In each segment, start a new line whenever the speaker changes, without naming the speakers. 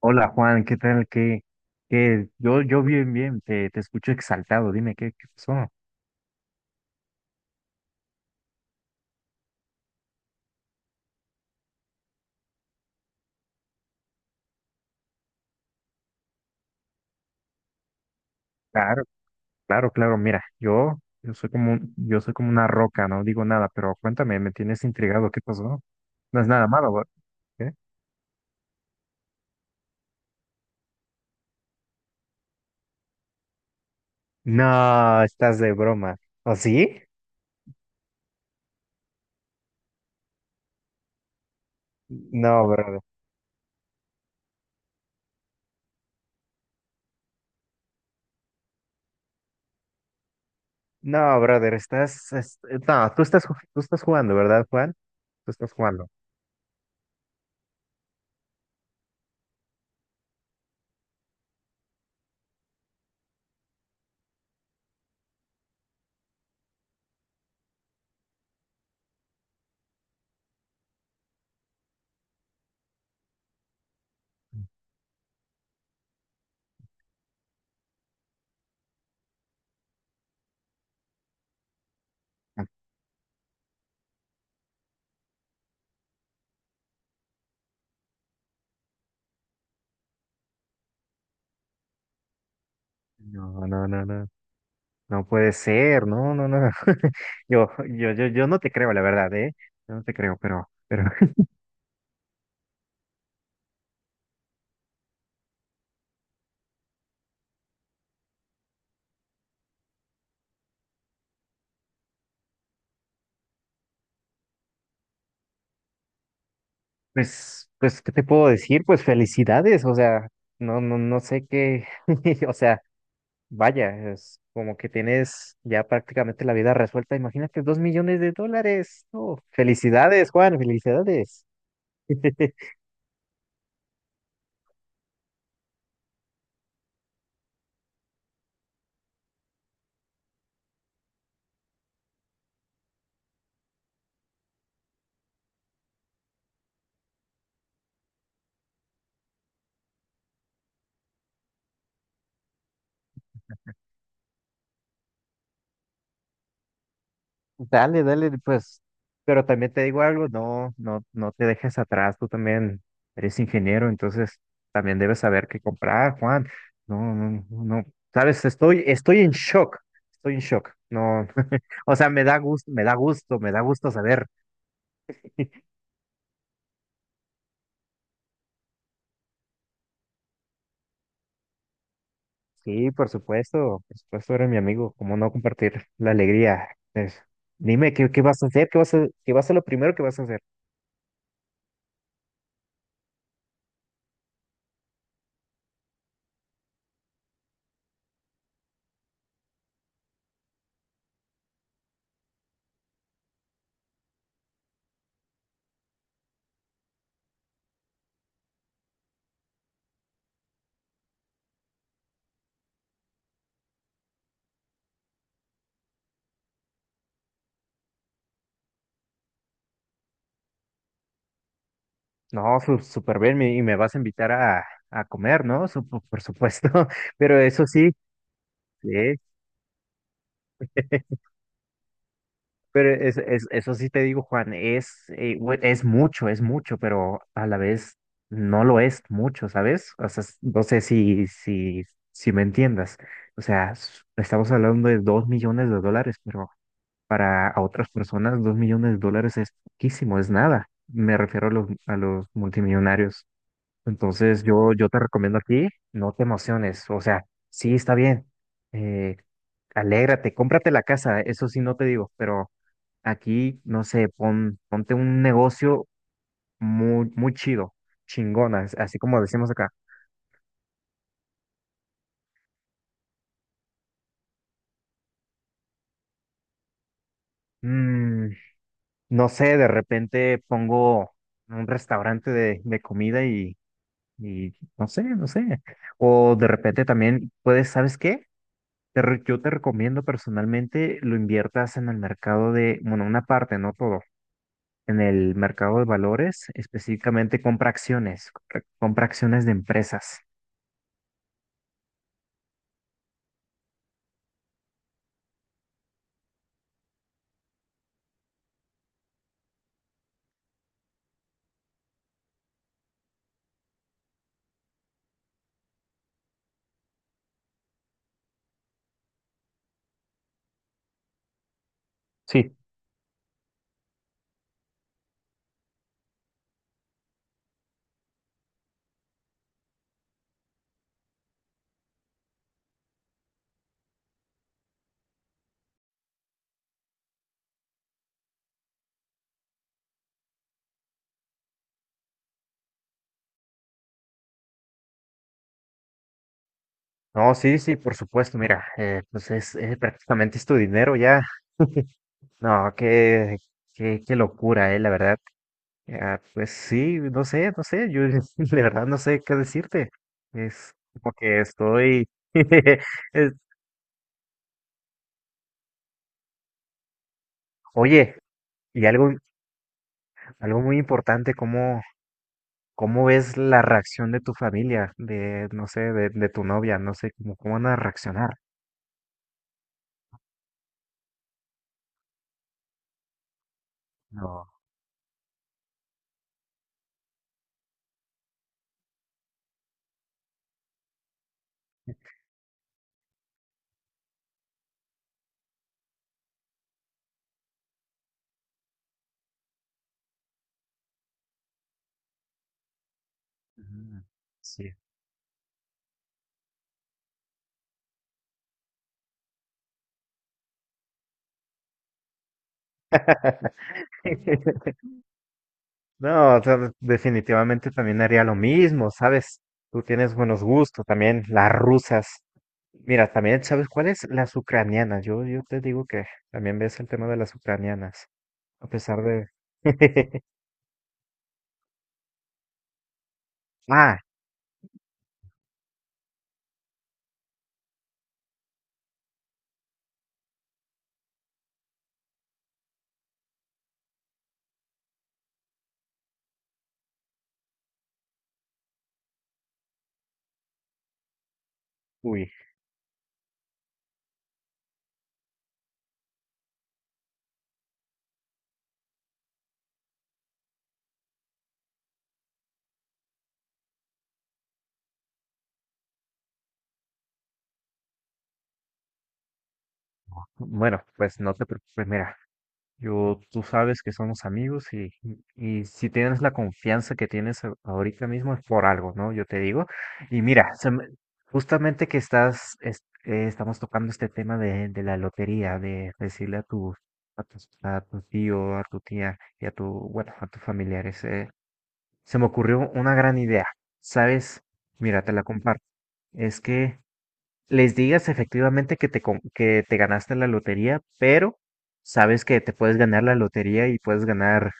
Hola Juan, ¿qué tal? Yo bien, bien, te escucho exaltado, dime, ¿qué pasó? Claro, claro, claro, mira, yo soy como un- yo soy como una roca, no digo nada, pero cuéntame, me tienes intrigado, ¿qué pasó? No es nada malo, ¿va? ¿Qué? No, estás de broma. ¿O sí? No, brother. No, brother, no, tú estás jugando, ¿verdad, Juan? Tú estás jugando. No, no, no, no. No puede ser, no, no, no. Yo no te creo, la verdad, ¿eh? Yo no te creo, pues, pues, ¿qué te puedo decir? Pues felicidades, o sea, no, no, no sé qué, o sea, vaya, es como que tienes ya prácticamente la vida resuelta. Imagínate, $2 millones. No, felicidades, Juan, felicidades. Dale, dale, pues, pero también te digo algo, no, no, no te dejes atrás, tú también eres ingeniero, entonces también debes saber qué comprar, Juan. No, no, no, sabes, estoy en shock, estoy en shock. No, o sea, me da gusto, me da gusto, me da gusto saber. Sí, por supuesto, eres mi amigo, cómo no compartir la alegría. Dime, ¿qué vas a hacer? ¿Qué va a ser lo primero que vas a hacer? No, súper bien, y me vas a invitar a comer, ¿no? Por supuesto, pero eso sí, sí, pero eso sí te digo, Juan, es mucho, pero a la vez no lo es mucho, ¿sabes? O sea, no sé si me entiendas. O sea, estamos hablando de $2 millones, pero para a otras personas $2 millones es poquísimo, es nada. Me refiero a los multimillonarios. Entonces yo te recomiendo aquí, no te emociones, o sea, sí está bien, eh, alégrate, cómprate la casa, eso sí no te digo, pero aquí, no sé, ponte un negocio muy, muy chido, chingona, así como decimos acá. Mm, no sé, de repente pongo un restaurante de comida y no sé, no sé, o de repente también puedes, ¿sabes qué? Yo te recomiendo personalmente lo inviertas en el mercado de, bueno, una parte, no todo, en el mercado de valores, específicamente compra acciones, compra acciones de empresas. Sí. No, sí, sí, por supuesto, mira, prácticamente es tu dinero ya. No, qué locura, la verdad. Ah, pues sí, no sé, no sé, yo de verdad no sé qué decirte. Es porque estoy... es- oye, y algo, algo muy importante, como ¿cómo ves la reacción de tu familia, de, no sé, de tu novia? No sé, cómo, cómo van a reaccionar. No. Ujú. Sí. No, o sea, definitivamente también haría lo mismo, ¿sabes? Tú tienes buenos gustos también, las rusas. Mira, también, ¿sabes cuáles? Las ucranianas. Yo te digo que también ves el tema de las ucranianas, a pesar de... Ah, uy. Bueno, pues no te preocupes, mira. Yo, tú sabes que somos amigos y si tienes la confianza que tienes ahorita mismo es por algo, ¿no? Yo te digo. Y mira, justamente que estás, estamos tocando este tema de la lotería, de decirle a tu, a tu tío, a tu tía y a tu, bueno, a tus familiares. Eh, se me ocurrió una gran idea, ¿sabes? Mira, te la comparto. Es que les digas efectivamente que que te ganaste la lotería, pero sabes que te puedes ganar la lotería y puedes ganar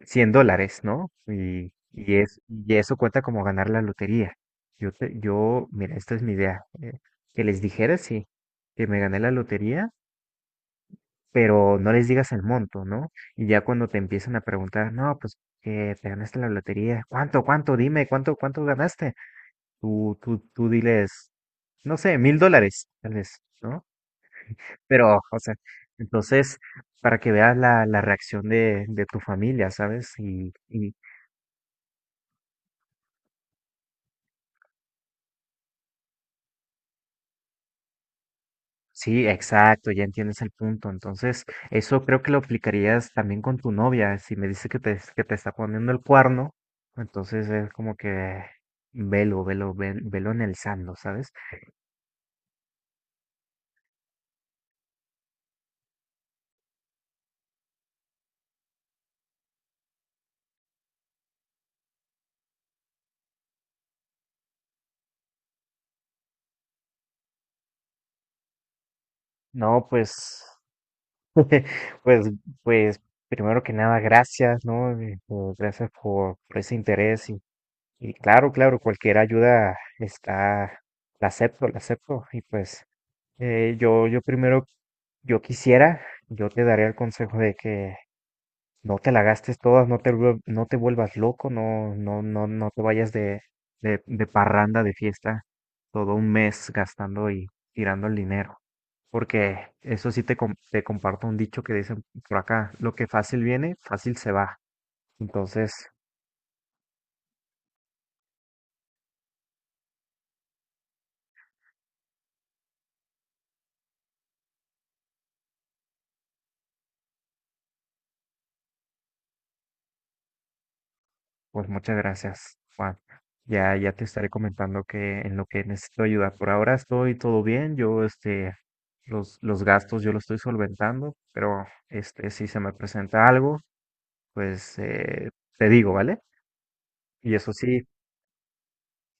$100, ¿no? Y eso cuenta como ganar la lotería. Mira, esta es mi idea. Eh, que les dijeras, sí, que me gané la lotería, pero no les digas el monto, ¿no? Y ya cuando te empiezan a preguntar, no, pues que te ganaste la lotería, ¿cuánto, cuánto? Dime, ¿cuánto, cuánto ganaste? Tú diles, no sé, $1,000, tal vez, ¿no? Pero, o sea, entonces, para que veas la, la reacción de tu familia, ¿sabes? Y sí, exacto, ya entiendes el punto. Entonces, eso creo que lo aplicarías también con tu novia. Si me dice que que te está poniendo el cuerno, entonces es como que velo, velo, velo en el sando, ¿sabes? No, pues, pues, pues, primero que nada, gracias, ¿no? Gracias por ese interés. Y claro, claro, cualquier ayuda está, la acepto, la acepto. Y pues yo primero, yo quisiera, yo te daría el consejo de que no te la gastes todas, no te vuelvas loco, no, no, no, no te vayas de parranda, de fiesta, todo un mes gastando y tirando el dinero. Porque eso sí te comparto un dicho que dicen por acá, lo que fácil viene, fácil se va. Entonces, pues muchas gracias, Juan. Ya, ya te estaré comentando que en lo que necesito ayuda. Por ahora estoy todo bien. Yo, este, los gastos yo los estoy solventando, pero este, si se me presenta algo, pues te digo, ¿vale? Y eso sí,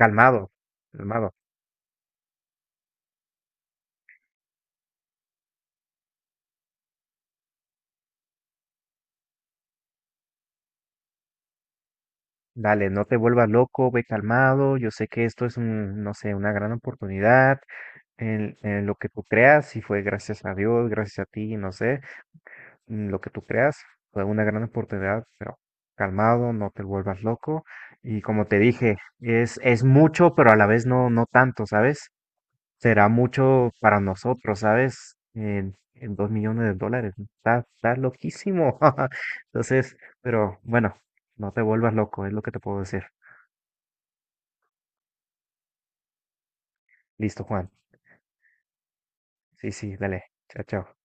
calmado, calmado. Dale, no te vuelvas loco, ve calmado. Yo sé que esto es un, no sé, una gran oportunidad en lo que tú creas, si fue gracias a Dios, gracias a ti, no sé. Mm, lo que tú creas fue una gran oportunidad, pero calmado, no te vuelvas loco. Y como te dije, es mucho, pero a la vez no, no tanto, ¿sabes? Será mucho para nosotros, ¿sabes? En $2 millones. ¿No? Está, está loquísimo. Entonces, pero bueno, no te vuelvas loco, es lo que te puedo decir. Listo, Juan. Sí, sí, dale. Chao, chao.